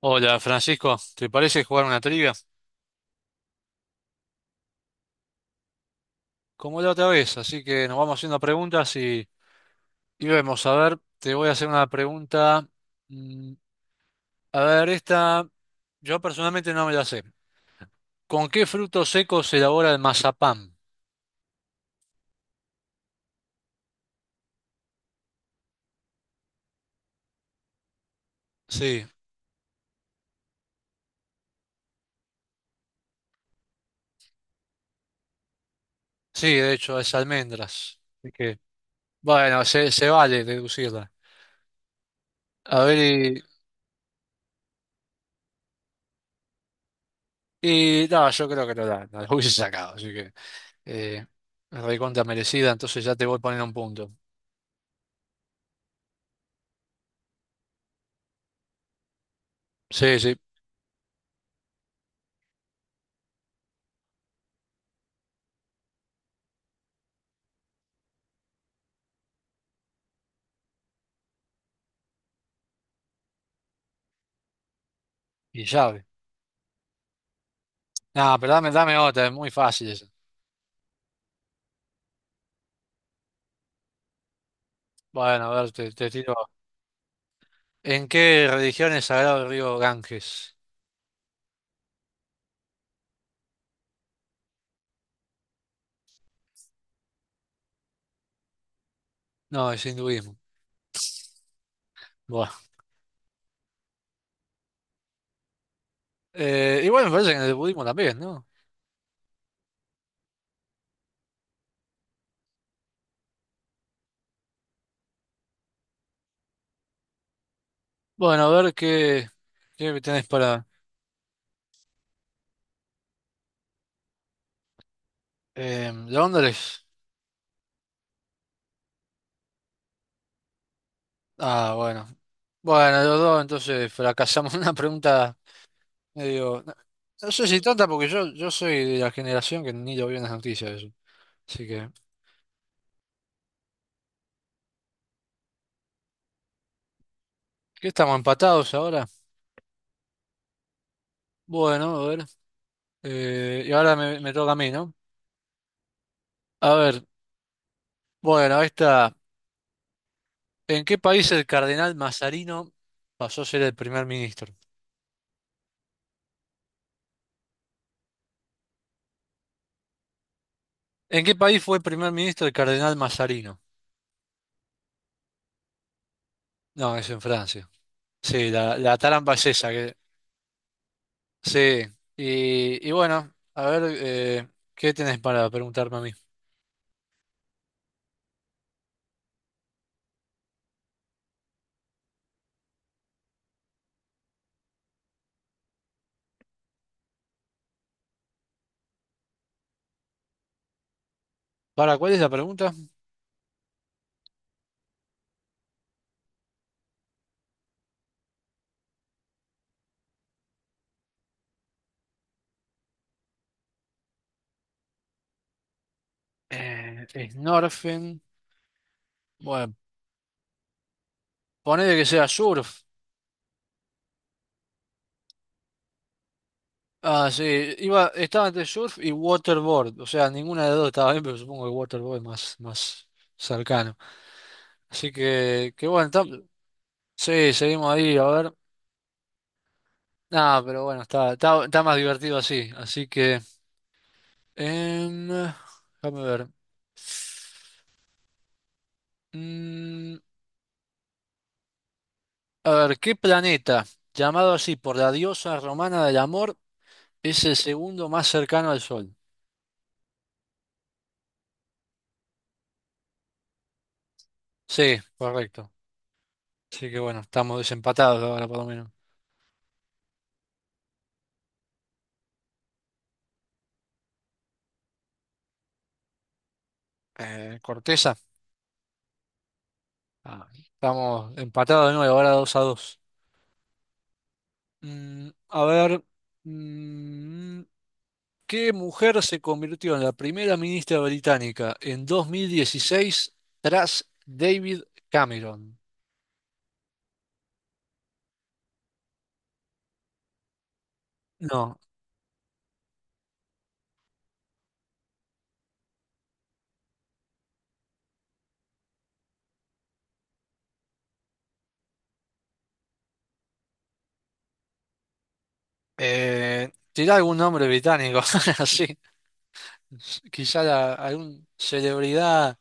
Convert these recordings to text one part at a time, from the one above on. Hola Francisco, ¿te parece jugar una trivia? Como la otra vez, así que nos vamos haciendo preguntas y vemos. A ver, te voy a hacer una pregunta. mm, A ver, esta yo personalmente no me la sé. ¿Con qué frutos secos se elabora el mazapán? Sí, sí, de hecho es almendras. Así que bueno, se vale deducirla. A ver, y no, yo creo que no la, no la hubiese sacado, así que eh, recontra merecida, entonces ya te voy poniendo un punto. Sí, sí, y llave. No, pero dame otra, es muy fácil esa. Bueno, a ver, te tiro. ¿En qué religión es sagrado el río Ganges? No, es hinduismo. Bueno. Igual me parece que en el budismo también, ¿no? Bueno, a ver qué tenés para... ¿Londres? Ah, bueno. Bueno, los dos entonces fracasamos una pregunta medio... No, no sé si tonta porque yo soy de la generación que ni lo vio en las noticias eso. Así que... ¿Qué estamos empatados ahora? Bueno, a ver. Y ahora me toca a mí, ¿no? A ver. Bueno, esta. ¿En qué país el cardenal Mazarino pasó a ser el primer ministro? ¿En qué país fue primer ministro el cardenal Mazarino? No, es en Francia. Sí, la tarampa es esa. Sí. Y bueno, a ver, ¿qué tenés para preguntarme a mí? ¿Para cuál es la pregunta? Eh, Snorfen. Bueno, ponele que sea surf. Ah, sí. Iba, estaba entre surf y waterboard. O sea, ninguna de las dos estaba bien, pero supongo que waterboard es más cercano. Así que bueno, está- sí, seguimos ahí, a ver. Nada, pero bueno, está más divertido así. Así que, em, déjame ver. Mm, a ver, ¿qué planeta, llamado así por la diosa romana del amor, es el segundo más cercano al Sol? Sí, correcto. Así que bueno, estamos desempatados ahora por lo menos. Corteza, ah, estamos empatados de nuevo, ahora 2 a 2. A ver, mm, ¿qué mujer se convirtió en la primera ministra británica en 2016 tras David Cameron? No. ¿Tiene algún nombre británico? Así. Quizá la- algún celebridad.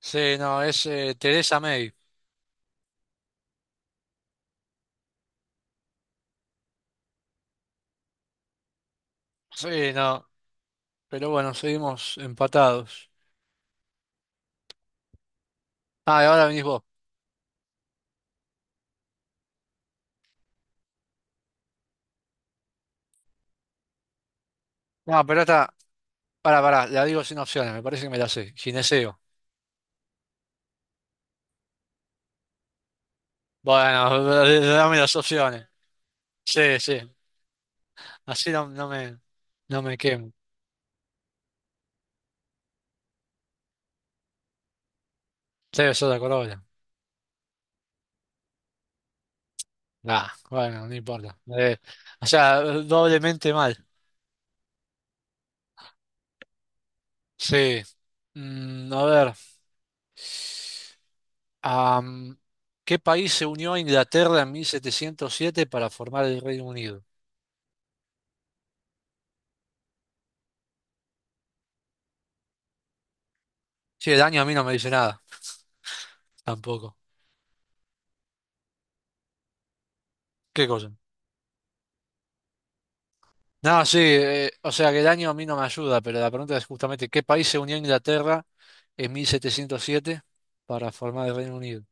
Sí, no, es Teresa May. Sí, no. Pero bueno, seguimos empatados. Ah, y ahora venís vos. No, pero esta. Pará, la digo sin opciones, me parece que me la sé. Gineceo. Bueno, dame las opciones. Sí, sí. Así no no me quemo. Debe ser de corona. Ah, bueno, no importa. O sea, doblemente mal. Sí. Mm, a ver. Am, ¿Qué país se unió a Inglaterra en 1707 para formar el Reino Unido? Sí, el año a mí no me dice nada, tampoco. ¿Qué cosa? No, sí, o sea que el año a mí no me ayuda, pero la pregunta es justamente, ¿qué país se unió a Inglaterra en 1707 para formar el Reino Unido?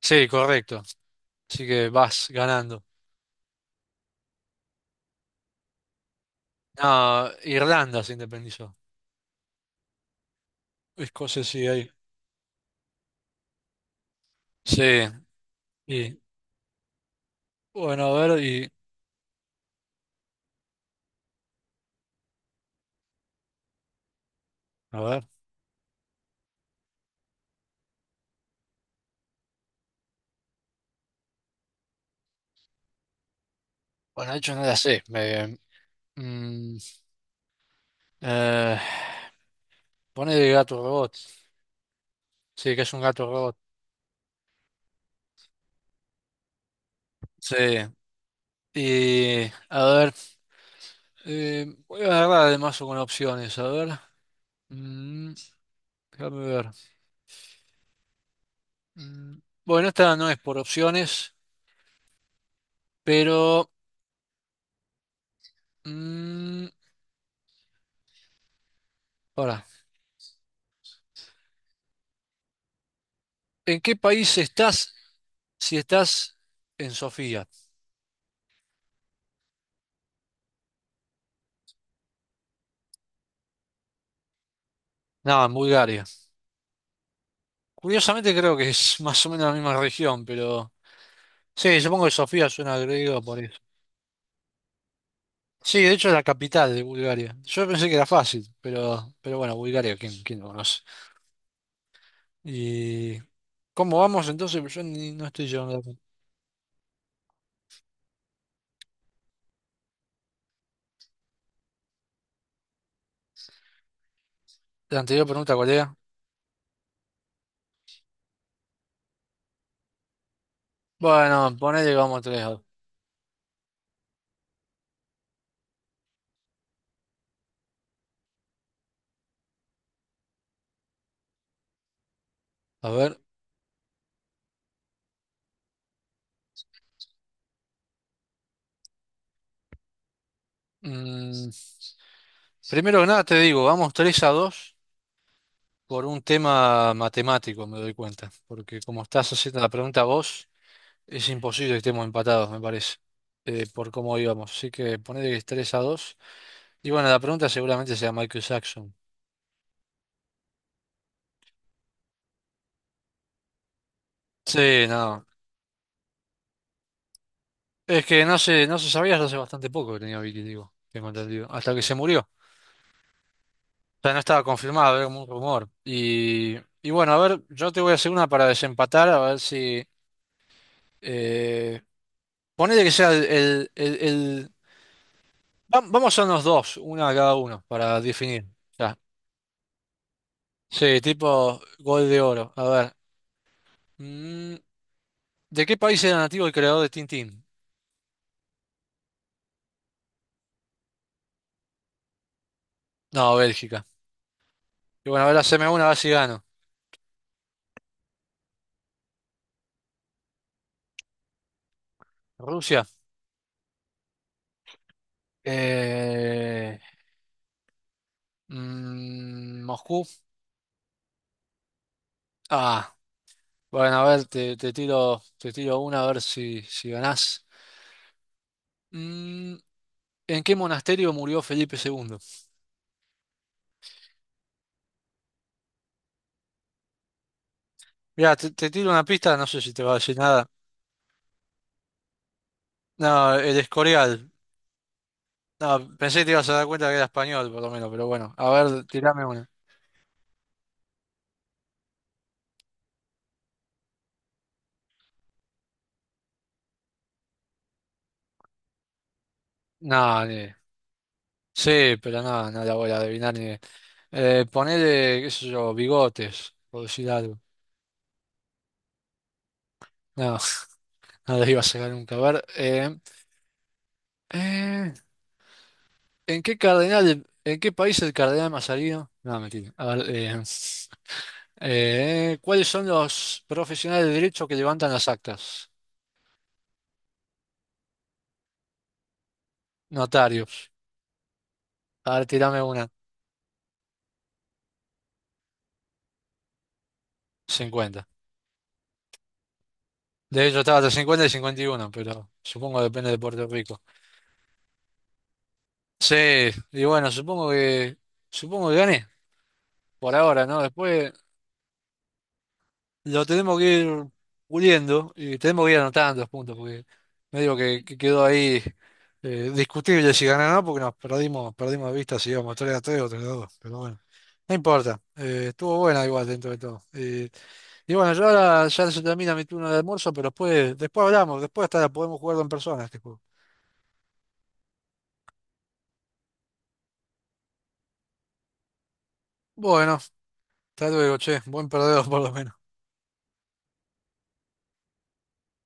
Sí, correcto. Así que vas ganando. No, Irlanda se independizó. Escocia sí hay. Sí. Y bueno, a ver, y. A ver. Bueno, de hecho no la sé. Mm, eh, pone de gato robot. Sí, que es un gato robot. Sí. Y a ver, voy a agarrar además con opciones. A ver. Mm, déjame ver. Mm, bueno, esta no es por opciones, pero. mm, ahora, ¿en qué país estás si estás en Sofía? No, en Bulgaria. Curiosamente creo que es más o menos la misma región, pero sí, supongo que Sofía suena al griego por eso. Sí, de hecho es la capital de Bulgaria. Yo pensé que era fácil, pero bueno, Bulgaria, ¿quién, quién lo conoce? ¿Y cómo vamos entonces? Yo ni- no estoy llevando la, la anterior pregunta, ¿cuál era? Bueno, ponele que vamos 3 a dos. A ver, mm, primero que nada te digo, vamos 3 a 2 por un tema matemático, me doy cuenta, porque como estás haciendo la pregunta vos... Es imposible que estemos empatados, me parece, por cómo íbamos. Así que ponele que es 3 a dos. Y bueno, la pregunta seguramente sea Michael Jackson. Sí, no. Es que no se sabía hasta hace bastante poco que tenía vitiligo, tengo entendido. Hasta que se murió. O sea, no estaba confirmado, era como un rumor. Y bueno, a ver, yo te voy a hacer una para desempatar, a ver si... Eh, ponele que sea el- va- Vamos a unos dos, una a cada uno, para definir. Ya. Sí, tipo gol de oro. A ver. Mm, ¿de qué país era nativo el creador de Tintín? No, Bélgica. Y bueno, ahora haceme una, a ver si gano. Rusia. Eh, Moscú. Ah, bueno, a ver, te tiro una a ver si, si ganás. Mm, ¿en qué monasterio murió Felipe II? Mira, te tiro una pista, no sé si te va a decir nada. No, el Escorial. No, pensé que te ibas a dar cuenta que era español, por lo menos, pero bueno. A ver, tirame una. No, ni- sí, pero no, no la voy a adivinar ni. Ponele, qué sé yo, bigotes, por decir algo. No, no les iba a sacar nunca. A ver, eh, ¿en qué cardenal, en qué país el cardenal Mazarino? No, mentira. A ver, ¿cuáles son los profesionales de derecho que levantan las actas? Notarios. A ver, tirame una. 50. De hecho, estaba hasta 50 y 51, pero supongo que depende de Puerto Rico. Sí, y bueno, supongo que gané, por ahora, ¿no? Después. Lo tenemos que ir puliendo y tenemos que ir anotando los puntos, porque medio que quedó ahí discutible si ganar o no, porque nos perdimos, perdimos de vista si íbamos 3 a 3 o 3 a 2 pero bueno, no importa, estuvo buena igual dentro de todo. Y bueno, yo ahora ya se termina mi turno de almuerzo, pero después, después hablamos, después hasta podemos jugarlo en persona este juego. Bueno, hasta luego, che, buen perdedor por lo menos.